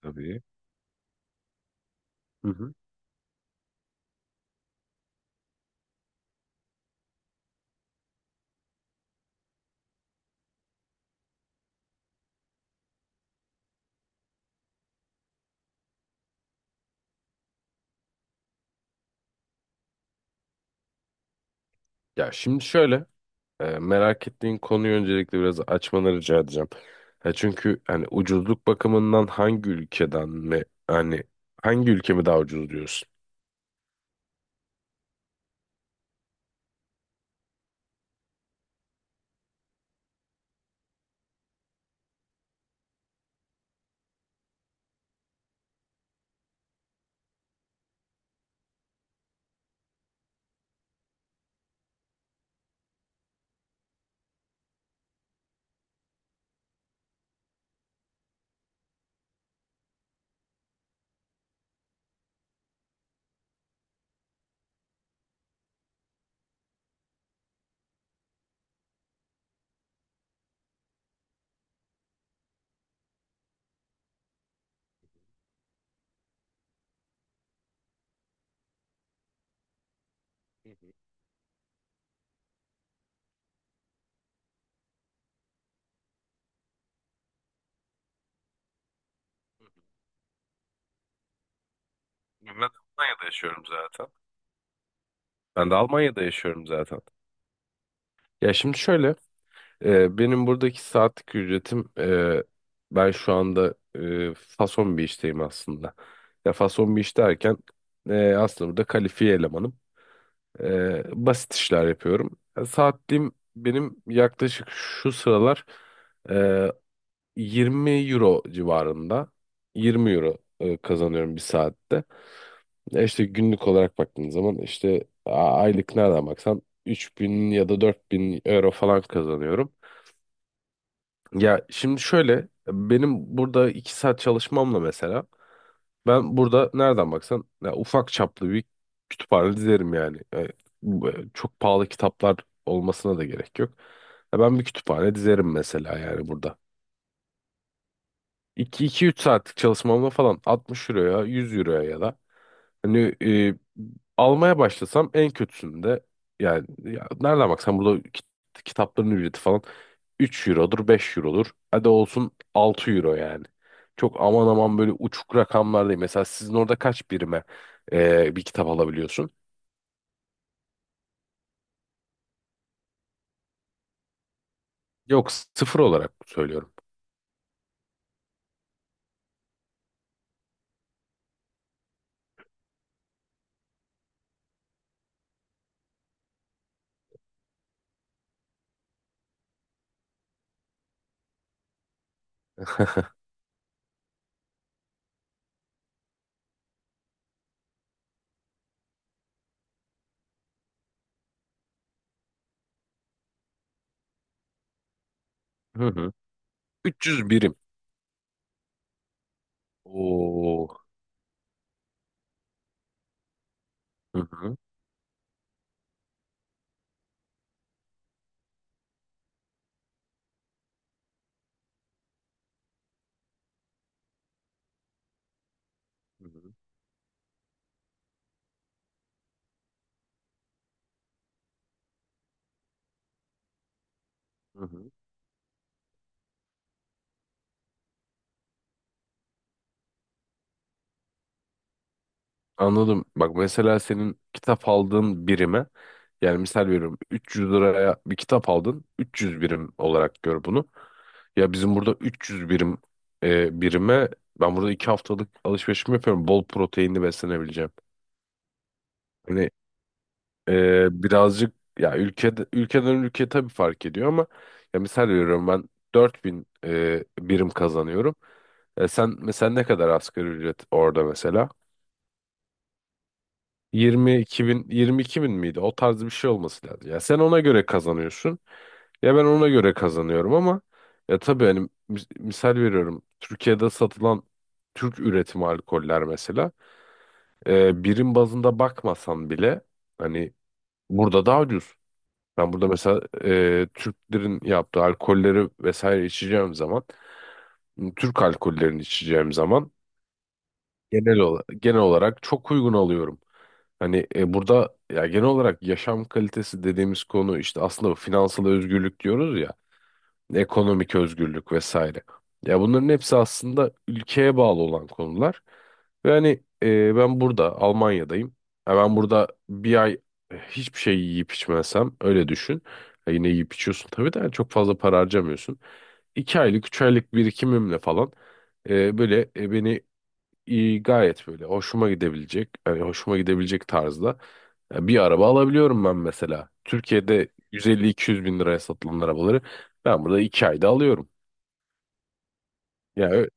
Tabii. Hı hı. Ya şimdi şöyle, merak ettiğin konuyu öncelikle biraz açmanı rica edeceğim. Ha, çünkü hani ucuzluk bakımından hangi ülkeden mi, hani hangi ülke mi daha ucuz diyorsun? Hı hı. Ben Almanya'da yaşıyorum zaten. Ben de Almanya'da yaşıyorum zaten. Ya şimdi şöyle, benim buradaki saatlik ücretim, ben şu anda fason bir işteyim aslında. Ya fason bir iş derken aslında burada kalifiye elemanım. Basit işler yapıyorum. E, Saatliğim benim yaklaşık şu sıralar e, 20 euro civarında. 20 euro kazanıyorum bir saatte. İşte günlük olarak baktığın zaman işte aylık nereden baksan 3000 ya da 4000 euro falan kazanıyorum. Ya şimdi şöyle, benim burada 2 saat çalışmamla mesela ben burada nereden baksan ya ufak çaplı bir kütüphane dizerim yani. E, bu, çok pahalı kitaplar olmasına da gerek yok. Ya ben bir kütüphane dizerim mesela, yani burada. 2 3 saatlik çalışmamla falan 60 euroya, 100 euroya ya da, hani, almaya başlasam en kötüsünde, yani, ya, nereden baksan burada, kitapların ücreti falan 3 eurodur, 5 eurodur. Hadi olsun 6 euro yani. Çok aman aman böyle uçuk rakamlar değil. Mesela sizin orada kaç birime bir kitap alabiliyorsun? Yok, sıfır olarak söylüyorum. Hı hı. 300 birim. Oo. Hı hı. Hı hı. Hı hı. Anladım. Bak, mesela senin kitap aldığın birime, yani misal veriyorum 300 liraya bir kitap aldın, 300 birim olarak gör bunu. Ya bizim burada 300 birime ben burada 2 haftalık alışverişimi yapıyorum. Bol proteinli beslenebileceğim. Hani, birazcık, ya, ülkeden ülkeye tabii fark ediyor ama ya, misal veriyorum, ben 4000 birim kazanıyorum. E, sen mesela ne kadar asgari ücret orada mesela? 22 bin, 22 bin miydi? O tarz bir şey olması lazım. Ya sen ona göre kazanıyorsun. Ya ben ona göre kazanıyorum ama ya, tabii, hani, misal veriyorum. Türkiye'de satılan Türk üretimi alkoller mesela, birim bazında bakmasan bile, hani burada daha ucuz. Ben burada mesela Türklerin yaptığı alkolleri vesaire içeceğim zaman, Türk alkollerini içeceğim zaman genel olarak, genel olarak çok uygun alıyorum. Hani, burada ya, genel olarak yaşam kalitesi dediğimiz konu işte, aslında finansal özgürlük diyoruz ya, ekonomik özgürlük vesaire. Ya bunların hepsi aslında ülkeye bağlı olan konular. Ve hani, ben burada Almanya'dayım. Ya ben burada bir ay hiçbir şey yiyip içmezsem, öyle düşün. Ya yine yiyip içiyorsun tabii de, yani çok fazla para harcamıyorsun. 2 aylık, 3 aylık birikimimle falan böyle, beni iyi, gayet böyle hoşuma gidebilecek, yani hoşuma gidebilecek tarzda bir araba alabiliyorum ben mesela. Türkiye'de 150-200 bin liraya satılan arabaları ben burada 2 ayda alıyorum. Ya, evet.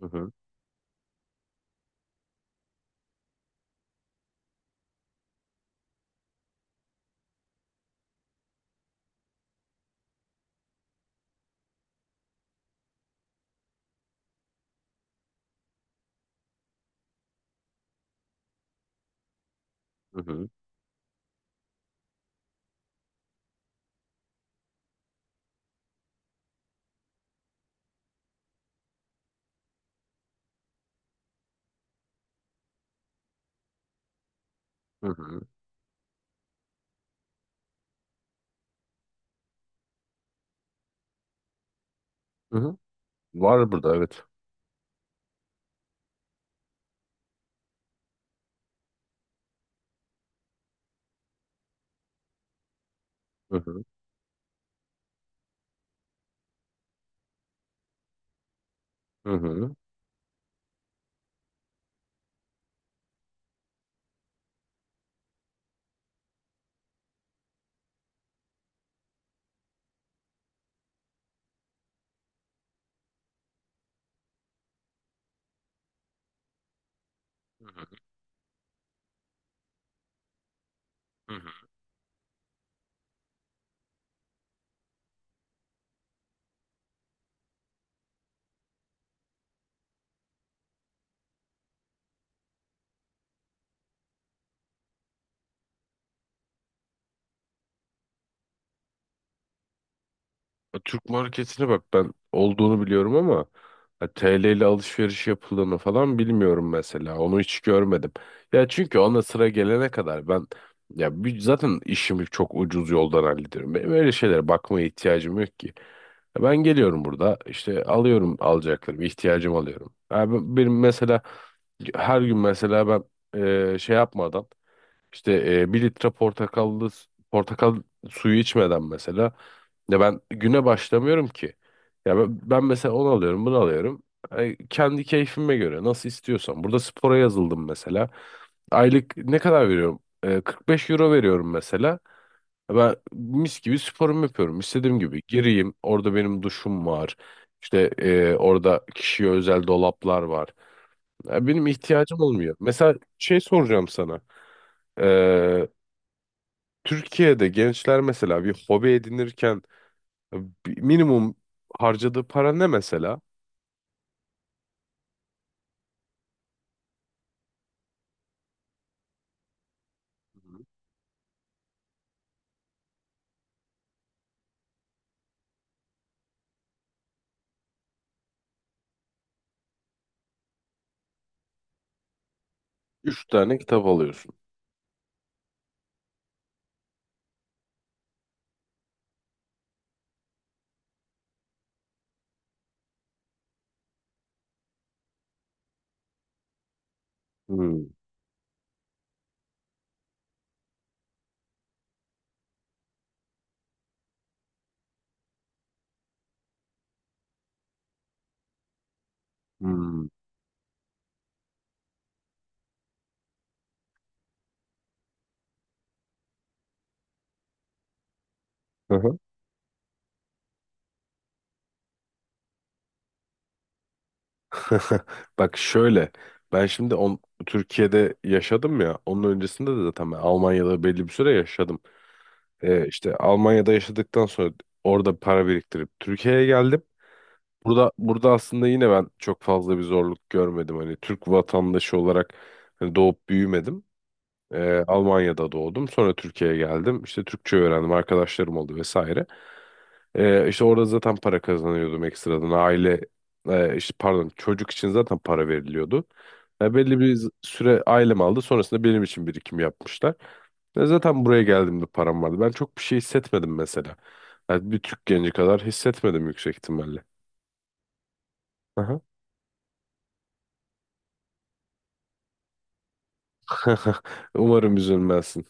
Hı hı, hı hı, hı hı, hı hı. Var burada, evet. Hı hı, hı hı, hı hı, hı hı. Türk marketine bak, ben olduğunu biliyorum ama ya, TL ile alışveriş yapıldığını falan bilmiyorum mesela. Onu hiç görmedim. Ya çünkü ona sıra gelene kadar ben, ya, zaten işimi çok ucuz yoldan hallediyorum. Benim öyle şeylere bakmaya ihtiyacım yok ki. Ya ben geliyorum burada, işte alıyorum alacaklarımı, ihtiyacımı alıyorum. Ya, benim mesela her gün mesela ben şey yapmadan, işte, 1 litre portakal suyu içmeden mesela, ya ben güne başlamıyorum ki. Ya, ben mesela onu alıyorum, bunu alıyorum. Ay, kendi keyfime göre nasıl istiyorsam. Burada spora yazıldım mesela. Aylık ne kadar veriyorum? 45 euro veriyorum mesela. Ben mis gibi sporumu yapıyorum. İstediğim gibi gireyim. Orada benim duşum var. İşte, orada kişiye özel dolaplar var. Ya benim ihtiyacım olmuyor. Mesela şey soracağım sana. Türkiye'de gençler mesela bir hobi edinirken e, bir minimum harcadığı para ne mesela? Hı hı. 3 tane kitap alıyorsun. Hmm. Hmm. Hı hı. Bak şöyle, ben şimdi Türkiye'de yaşadım ya, onun öncesinde de zaten ben Almanya'da belli bir süre yaşadım. İşte Almanya'da yaşadıktan sonra orada para biriktirip Türkiye'ye geldim. Burada aslında yine ben çok fazla bir zorluk görmedim. Hani Türk vatandaşı olarak hani doğup büyümedim. Almanya'da doğdum. Sonra Türkiye'ye geldim. İşte Türkçe öğrendim. Arkadaşlarım oldu vesaire. İşte orada zaten para kazanıyordum ekstradan. İşte pardon, çocuk için zaten para veriliyordu. Ya belli bir süre ailem aldı. Sonrasında benim için birikim yapmışlar. Ya zaten buraya geldiğimde param vardı. Ben çok bir şey hissetmedim mesela. Yani bir Türk genci kadar hissetmedim yüksek ihtimalle. Aha. Umarım üzülmezsin.